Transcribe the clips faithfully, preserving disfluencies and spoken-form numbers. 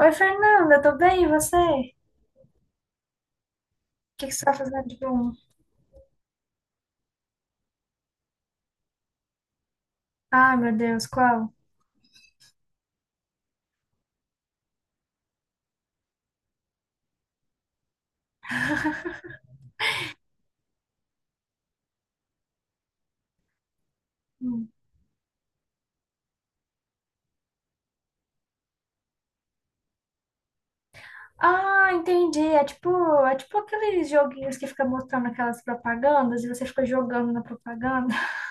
Oi, Fernanda, tô bem, e você? O que que você tá fazendo de bom? Ai, meu Deus, qual? Hum. Ah, entendi. É tipo, é tipo aqueles joguinhos que fica mostrando aquelas propagandas e você fica jogando na propaganda.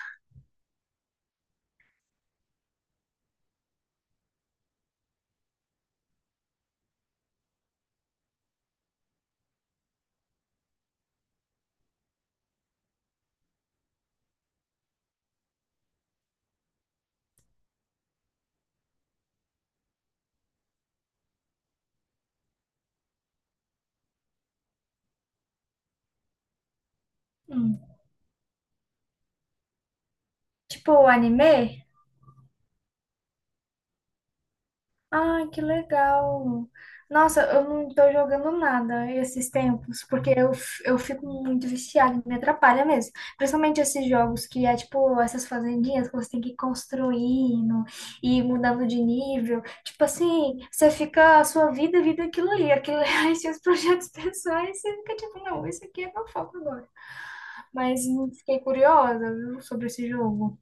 Hum. Tipo anime? Ai, que legal. Nossa, eu não tô jogando nada esses tempos, porque eu, f- eu fico muito viciada, me atrapalha mesmo. Principalmente esses jogos que é tipo essas fazendinhas que você tem que ir construindo e mudando de nível. Tipo assim, você fica a sua vida, vida é aquilo ali, aquilo ali, seus projetos pessoais, você fica tipo, não, isso aqui é meu foco agora. Mas hum, fiquei curiosa, viu, sobre esse jogo.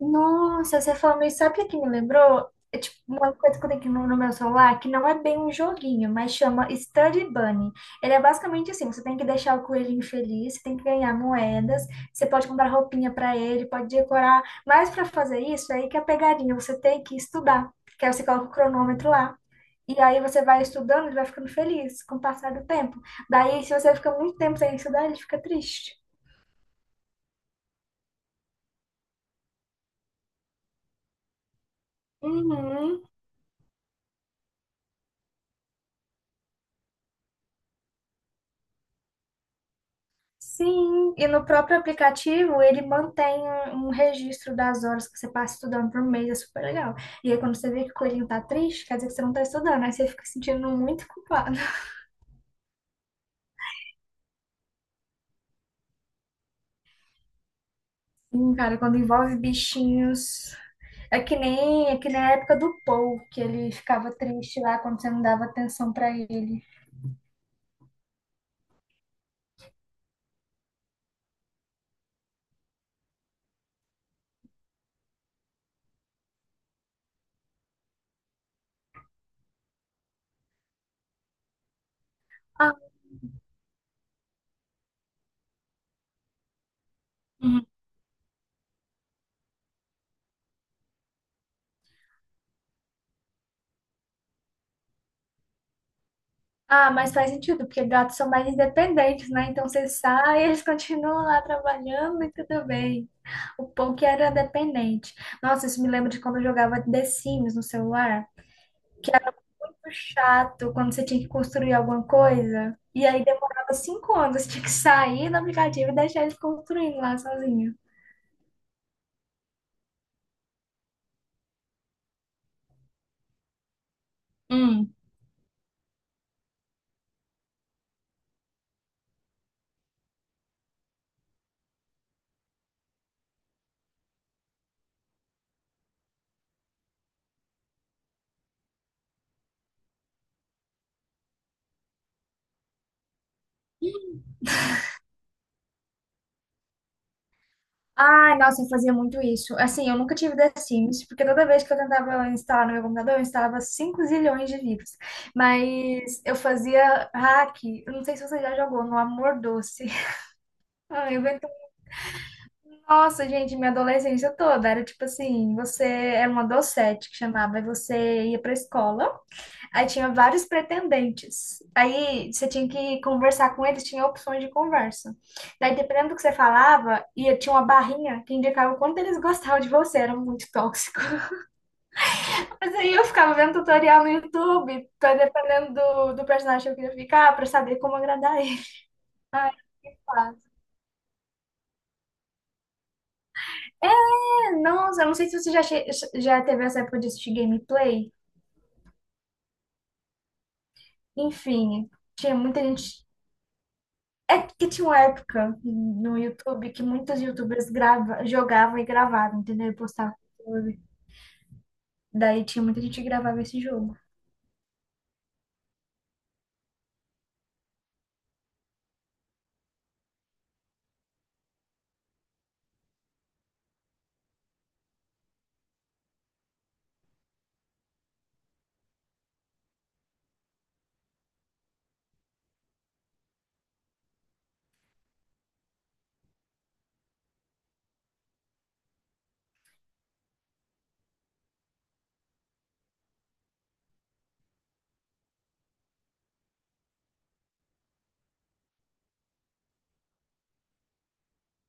Nossa, você falando isso, sabe o que que me lembrou? É tipo uma coisa que eu tenho aqui no, no meu celular, que não é bem um joguinho, mas chama Study Bunny. Ele é basicamente assim, você tem que deixar o coelhinho feliz, você tem que ganhar moedas, você pode comprar roupinha para ele, pode decorar, mas para fazer isso, aí que é a pegadinha, você tem que estudar, que aí você coloca o cronômetro lá. E aí você vai estudando, ele vai ficando feliz com o passar do tempo. Daí, se você fica muito tempo sem estudar, ele fica triste. Uhum. Sim, e no próprio aplicativo ele mantém um um registro das horas que você passa estudando por mês, é super legal. E aí quando você vê que o coelhinho tá triste, quer dizer que você não tá estudando, aí você fica se sentindo muito culpado. Sim, cara, quando envolve bichinhos, é que nem, é que nem a época do Paul, que ele ficava triste lá quando você não dava atenção pra ele. Ah, Ah, mas faz sentido, porque gatos são mais independentes, né? Então você sai, eles continuam lá trabalhando e tudo bem. O pão que era dependente. Nossa, isso me lembra de quando eu jogava The Sims no celular, que era muito chato quando você tinha que construir alguma coisa. E aí demorava cinco anos, você tinha que sair do aplicativo e deixar eles construindo lá sozinho. Ai, nossa, eu fazia muito isso. Assim, eu nunca tive The Sims, porque toda vez que eu tentava instalar no meu computador, eu instalava cinco zilhões de vírus. Mas eu fazia hack. Eu não sei se você já jogou no Amor Doce. Ai, eu invento... Nossa, gente, minha adolescência toda era tipo assim, você era uma docete que chamava, e você ia pra escola. Aí tinha vários pretendentes. Aí você tinha que conversar com eles, tinha opções de conversa. Daí, dependendo do que você falava, ia, tinha uma barrinha que indicava o quanto eles gostavam de você, era muito tóxico. Mas aí eu ficava vendo tutorial no YouTube, pra- dependendo do, do personagem que eu queria ficar, pra saber como agradar ele. Ai, que fácil. É, nossa, eu não sei se você já, che- já teve essa época de assistir gameplay. Enfim, tinha muita gente. É que tinha uma época no YouTube que muitas YouTubers grava, jogavam e gravavam, entendeu? E postavam no YouTube. Daí tinha muita gente que gravava esse jogo.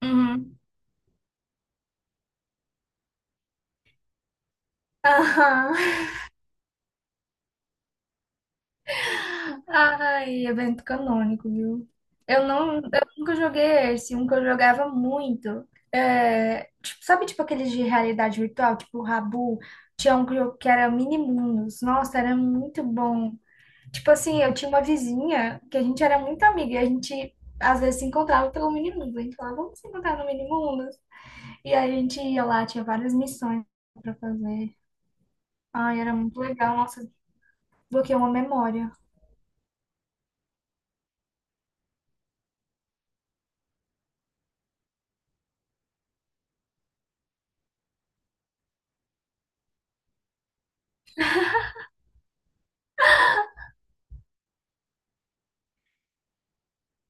Uhum. Aham. Ai, evento canônico, viu? Eu não, eu nunca joguei esse, um que eu jogava muito. É, tipo, sabe, tipo aqueles de realidade virtual, tipo o Rabu, tinha um que eu- que era Minimundos. Nossa, era muito bom. Tipo assim, eu tinha uma vizinha que a gente era muito amiga e a gente às vezes se encontrava pelo mini-mundo. A gente falava, vamos se encontrar no mini-mundo. E aí a gente ia lá, tinha várias missões pra fazer. Ai, era muito legal. Nossa, bloqueei uma memória.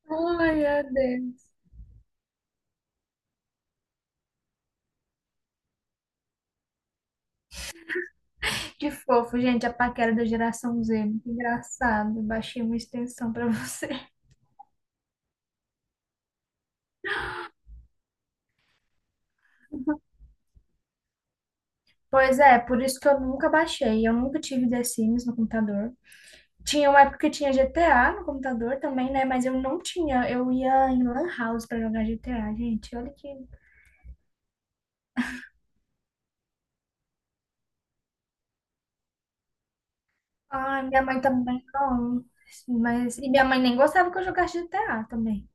Ai, meu Deus. Que fofo, gente, a paquera da geração Z. Muito engraçado. Baixei uma extensão pra você. Pois é, por isso que eu nunca baixei. Eu nunca tive The Sims no computador. Tinha uma época que tinha G T A no computador também, né? Mas eu não tinha. Eu ia em Lan House pra jogar G T A, gente. Olha que. Ai, minha mãe também não. Mas... E minha mãe nem gostava que eu jogasse G T A também.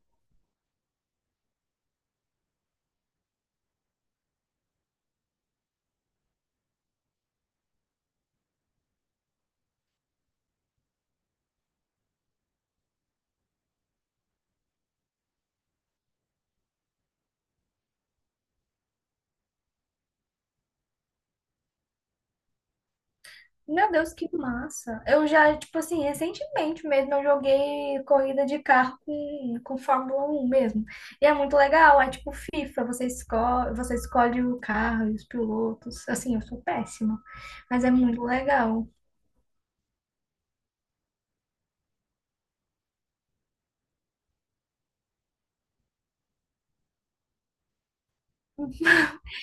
Meu Deus, que massa. Eu já, tipo assim, recentemente mesmo eu joguei corrida de carro com, com Fórmula um mesmo. E é muito legal. É tipo FIFA, você escolhe, você escolhe o carro e os pilotos. Assim, eu sou péssima, mas é muito legal.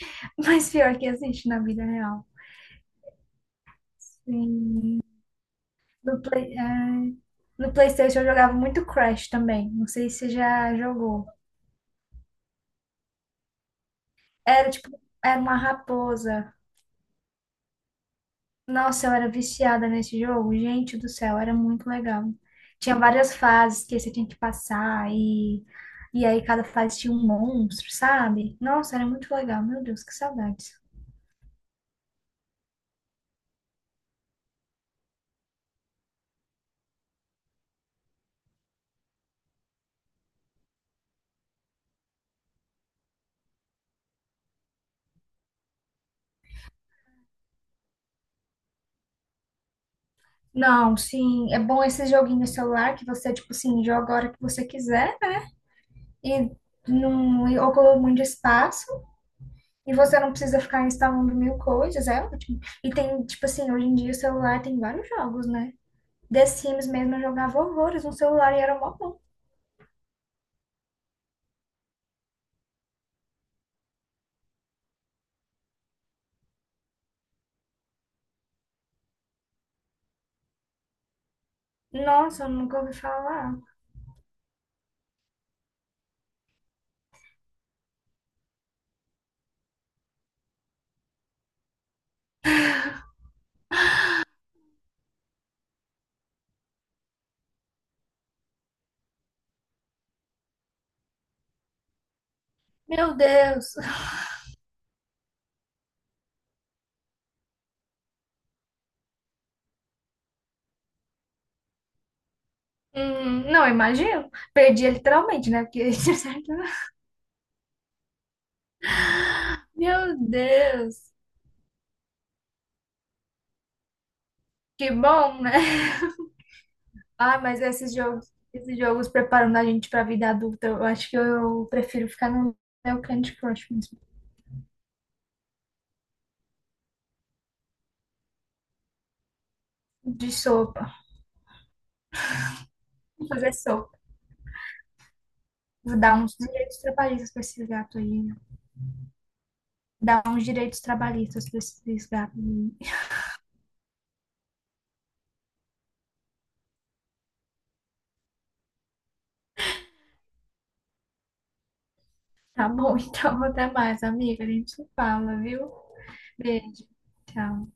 Mas pior que existe na vida real. Sim. No Play... ai. No PlayStation eu jogava muito Crash também. Não sei se você já jogou. Era tipo, era uma raposa. Nossa, eu era viciada nesse jogo. Gente do céu, era muito legal. Tinha várias fases que você tinha que passar e, e aí cada fase tinha um monstro, sabe? Nossa, era muito legal. Meu Deus, que saudades. Não, sim, é bom esse joguinho no celular que você, tipo assim, joga a hora que você quiser, né? E não ocupa muito espaço. E você não precisa ficar instalando mil coisas, é ótimo. E tem, tipo assim, hoje em dia o celular tem vários jogos, né? The Sims mesmo eu jogava horrores no celular e era mó bom. Nossa, eu nunca ouvi falar. Meu Deus. Hum, não, imagino. Perdia literalmente, né? Porque Meu Deus. Que bom, né? Ah, mas esses jogos, esses jogos preparando a gente pra vida adulta, eu acho que eu prefiro ficar no meu Candy Crush mesmo. De sopa. Fazer sopa. Dar uns direitos trabalhistas para esses gatos aí. Dar uns direitos trabalhistas para esses gatos aí. Tá bom, então até mais, amiga. A gente se fala, viu? Beijo. Tchau.